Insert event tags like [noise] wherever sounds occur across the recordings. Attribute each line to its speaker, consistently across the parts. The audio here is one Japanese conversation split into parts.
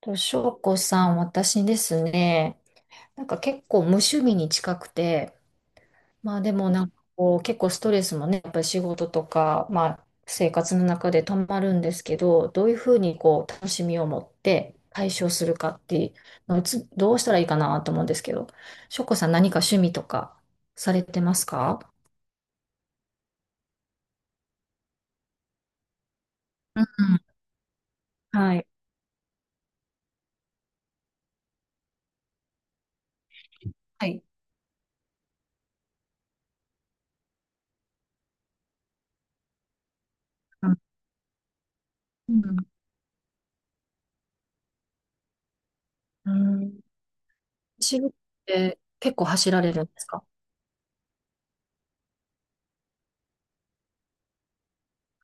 Speaker 1: と、翔子さん、私ですね、なんか結構無趣味に近くて、まあでもなんかこう結構ストレスもね、やっぱり仕事とか、まあ生活の中で溜まるんですけど、どういうふうにこう楽しみを持って解消するかっていうのをどうしたらいいかなと思うんですけど、翔子さん何か趣味とかされてますか？うんうん、はい。はい。うんうんうん。仕事って結構走られるんですか？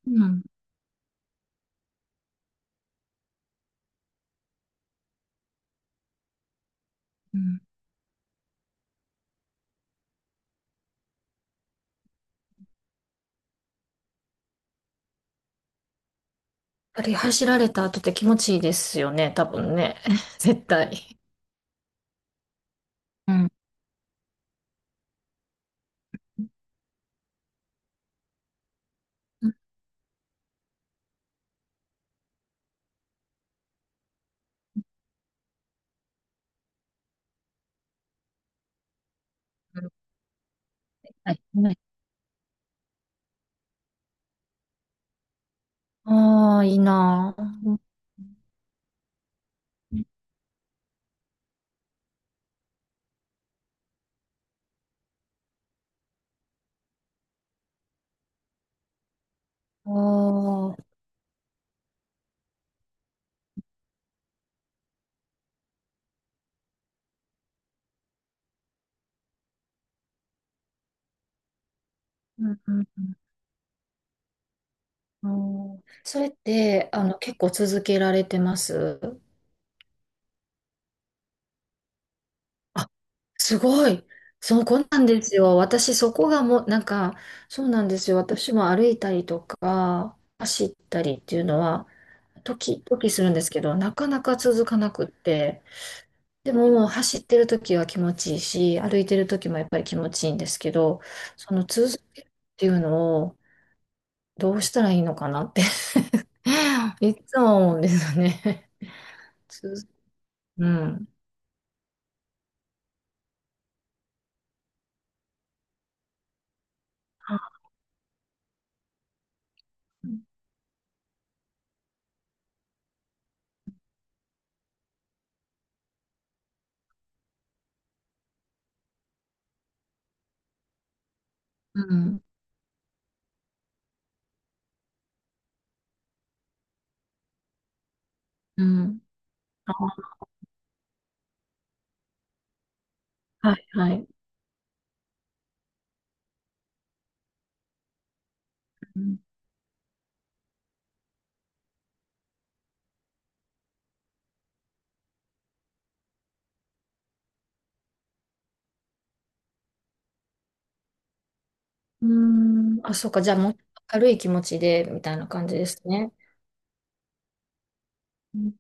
Speaker 1: うん、うん。あれ走られた後って気持ちいいですよね、多分ね。[laughs] 絶対。うん。はい。ああー、いいな。う、ああー、うんうんうんうん、それって、あの、結構続けられてます？あ、すごい。そう、こんなんですよ。私、そこがもう、なんか、そうなんですよ。私も歩いたりとか、走ったりっていうのは、時々するんですけど、なかなか続かなくって、でももう走ってる時は気持ちいいし、歩いてる時もやっぱり気持ちいいんですけど、その続けるっていうのをどうしたらいいのかなって [laughs] いつも思うんですよね。つづうん。あ、うん。うん。あ、はい、はい。うん。うーん、あ、そうか。じゃあもう軽い気持ちでみたいな感じですね。うん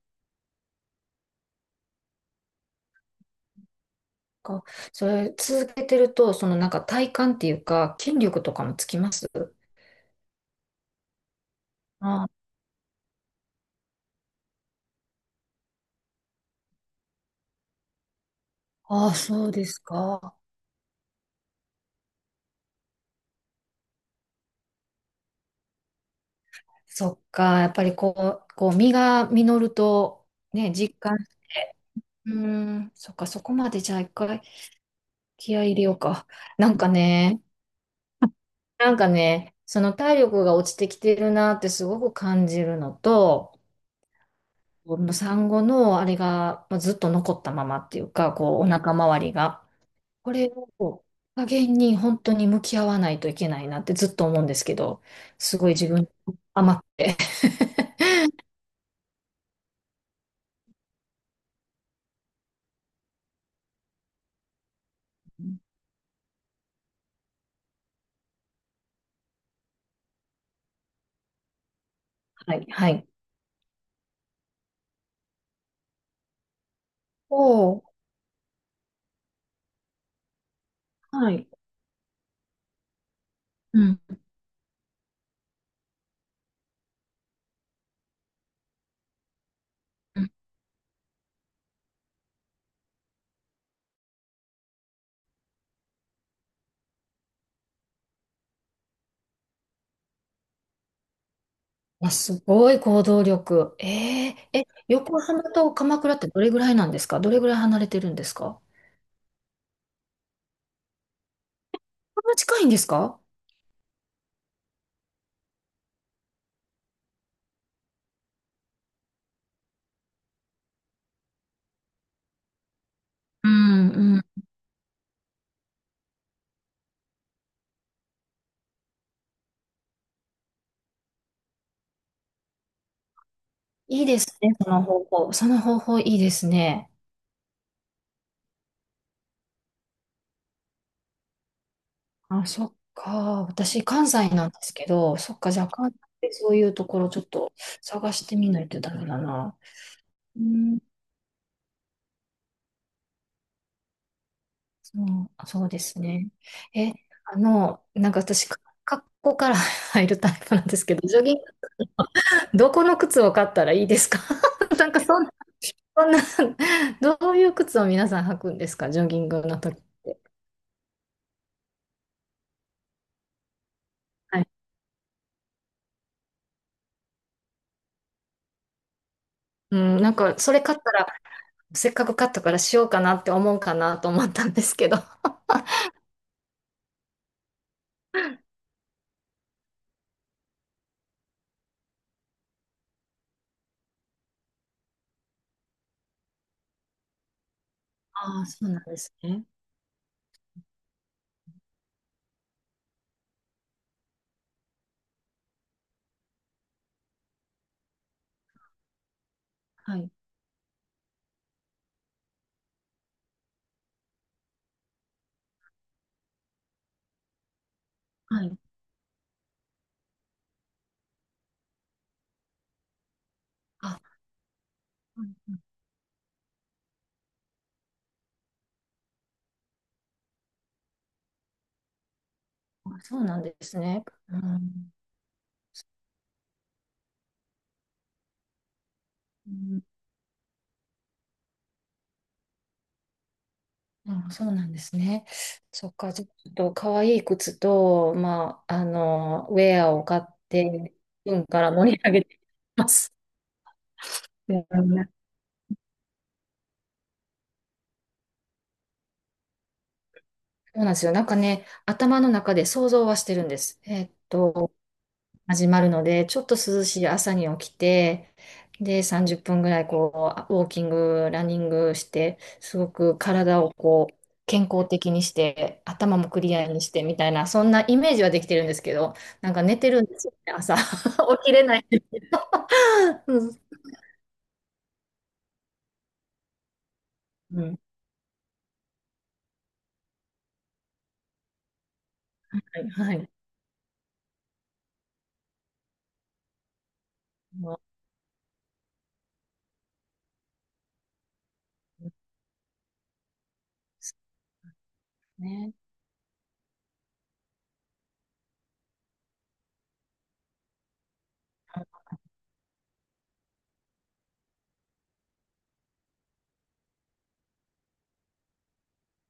Speaker 1: か、それ続けてると、そのなんか体幹っていうか、筋力とかもつきます？ああ、そうですか。そっか、やっぱりこう、こう実が実ると、ね、実感して、うーん、そっか、そこまでじゃあ一回気合い入れようか。[laughs] なんかね、なんかね、その体力が落ちてきてるなってすごく感じるのと、この産後のあれがまあずっと残ったままっていうか、こう、お腹周りが、これを加減に本当に向き合わないといけないなってずっと思うんですけど、すごい自分甘くて。[laughs] はい、はい。おお、はい。うん。うん、あ、すごい行動力。え、ええ、横浜と鎌倉ってどれぐらいなんですか？どれぐらい離れてるんですか？こんな近いんですか？うんうん。いいですね、その方法。その方法いいですね。あ、そっか。私、関西なんですけど、そっか、じゃあ関西でそういうところちょっと探してみないとダメだな。うん、そう、あ、そうですね。え、あの、なんか私、格好から [laughs] 入るタイプなんですけど、ジョギンどこの靴を買ったらいいですか？ [laughs] なんかそんな、そんな、どういう靴を皆さん履くんですか、ジョギングの時って。はい。うん、なんか、それ買ったら、せっかく買ったからしようかなって思うかなと思ったんですけど。[laughs] ああ、そうなんですね。はい。はい。あ、うんうん、あ、そうなんですね。うん。うん、うん、そうなんですね。そっか、じゃあちょっと可愛い靴と、まあ、あの、ウェアを買って、うんから盛り上げてます。うん、そうなんですよ。なんかね、頭の中で想像はしてるんです。えーっと、始まるので、ちょっと涼しい朝に起きて、で、30分ぐらいこう、ウォーキング、ランニングして、すごく体をこう、健康的にして、頭もクリアにしてみたいな、そんなイメージはできてるんですけど、なんか寝てるんですよね、朝。[laughs] 起きれない。うん。うん、はい。はい。そうですね。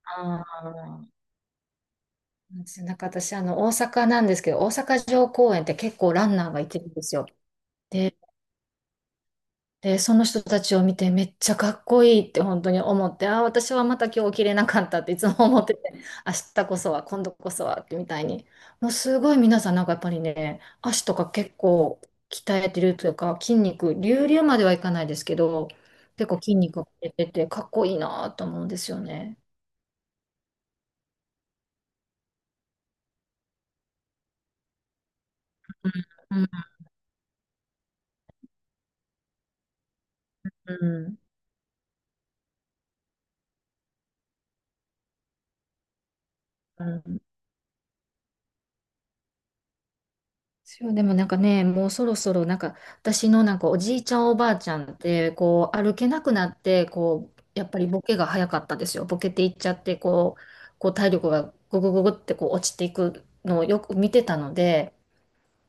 Speaker 1: ああ。なんですよ、なんか私、あの、大阪なんですけど、大阪城公園って結構ランナーがいてるんですよ。で、で、その人たちを見てめっちゃかっこいいって本当に思って、ああ、私はまた今日起きれなかったっていつも思ってて、[laughs] 明日こそは、今度こそはってみたいに。もうすごい皆さんなんかやっぱりね、足とか結構鍛えてるというか、筋肉、隆々まではいかないですけど、結構筋肉が出てて、かっこいいなと思うんですよね。うん、うん、うん。うん、そう、でもなんかね、もうそろそろなんか私のなんかおじいちゃんおばあちゃんってこう歩けなくなってこうやっぱりボケが早かったですよ。ボケていっちゃってこう、こう体力がググググってこう落ちていくのをよく見てたので、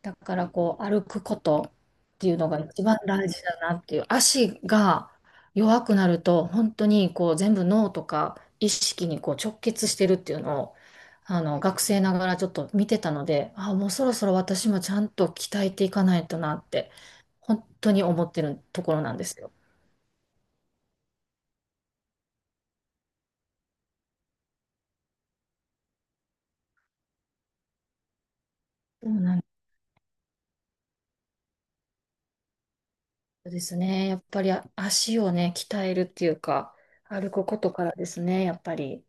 Speaker 1: だからこう歩くことっていうのが一番大事だなっていう、足が弱くなると本当にこう全部脳とか意識にこう直結してるっていうのをあの学生ながらちょっと見てたので、あ、もうそろそろ私もちゃんと鍛えていかないとなって本当に思ってるところなんですよ。そうなんですね。やっぱり足をね鍛えるっていうか歩くことからですね、やっぱり。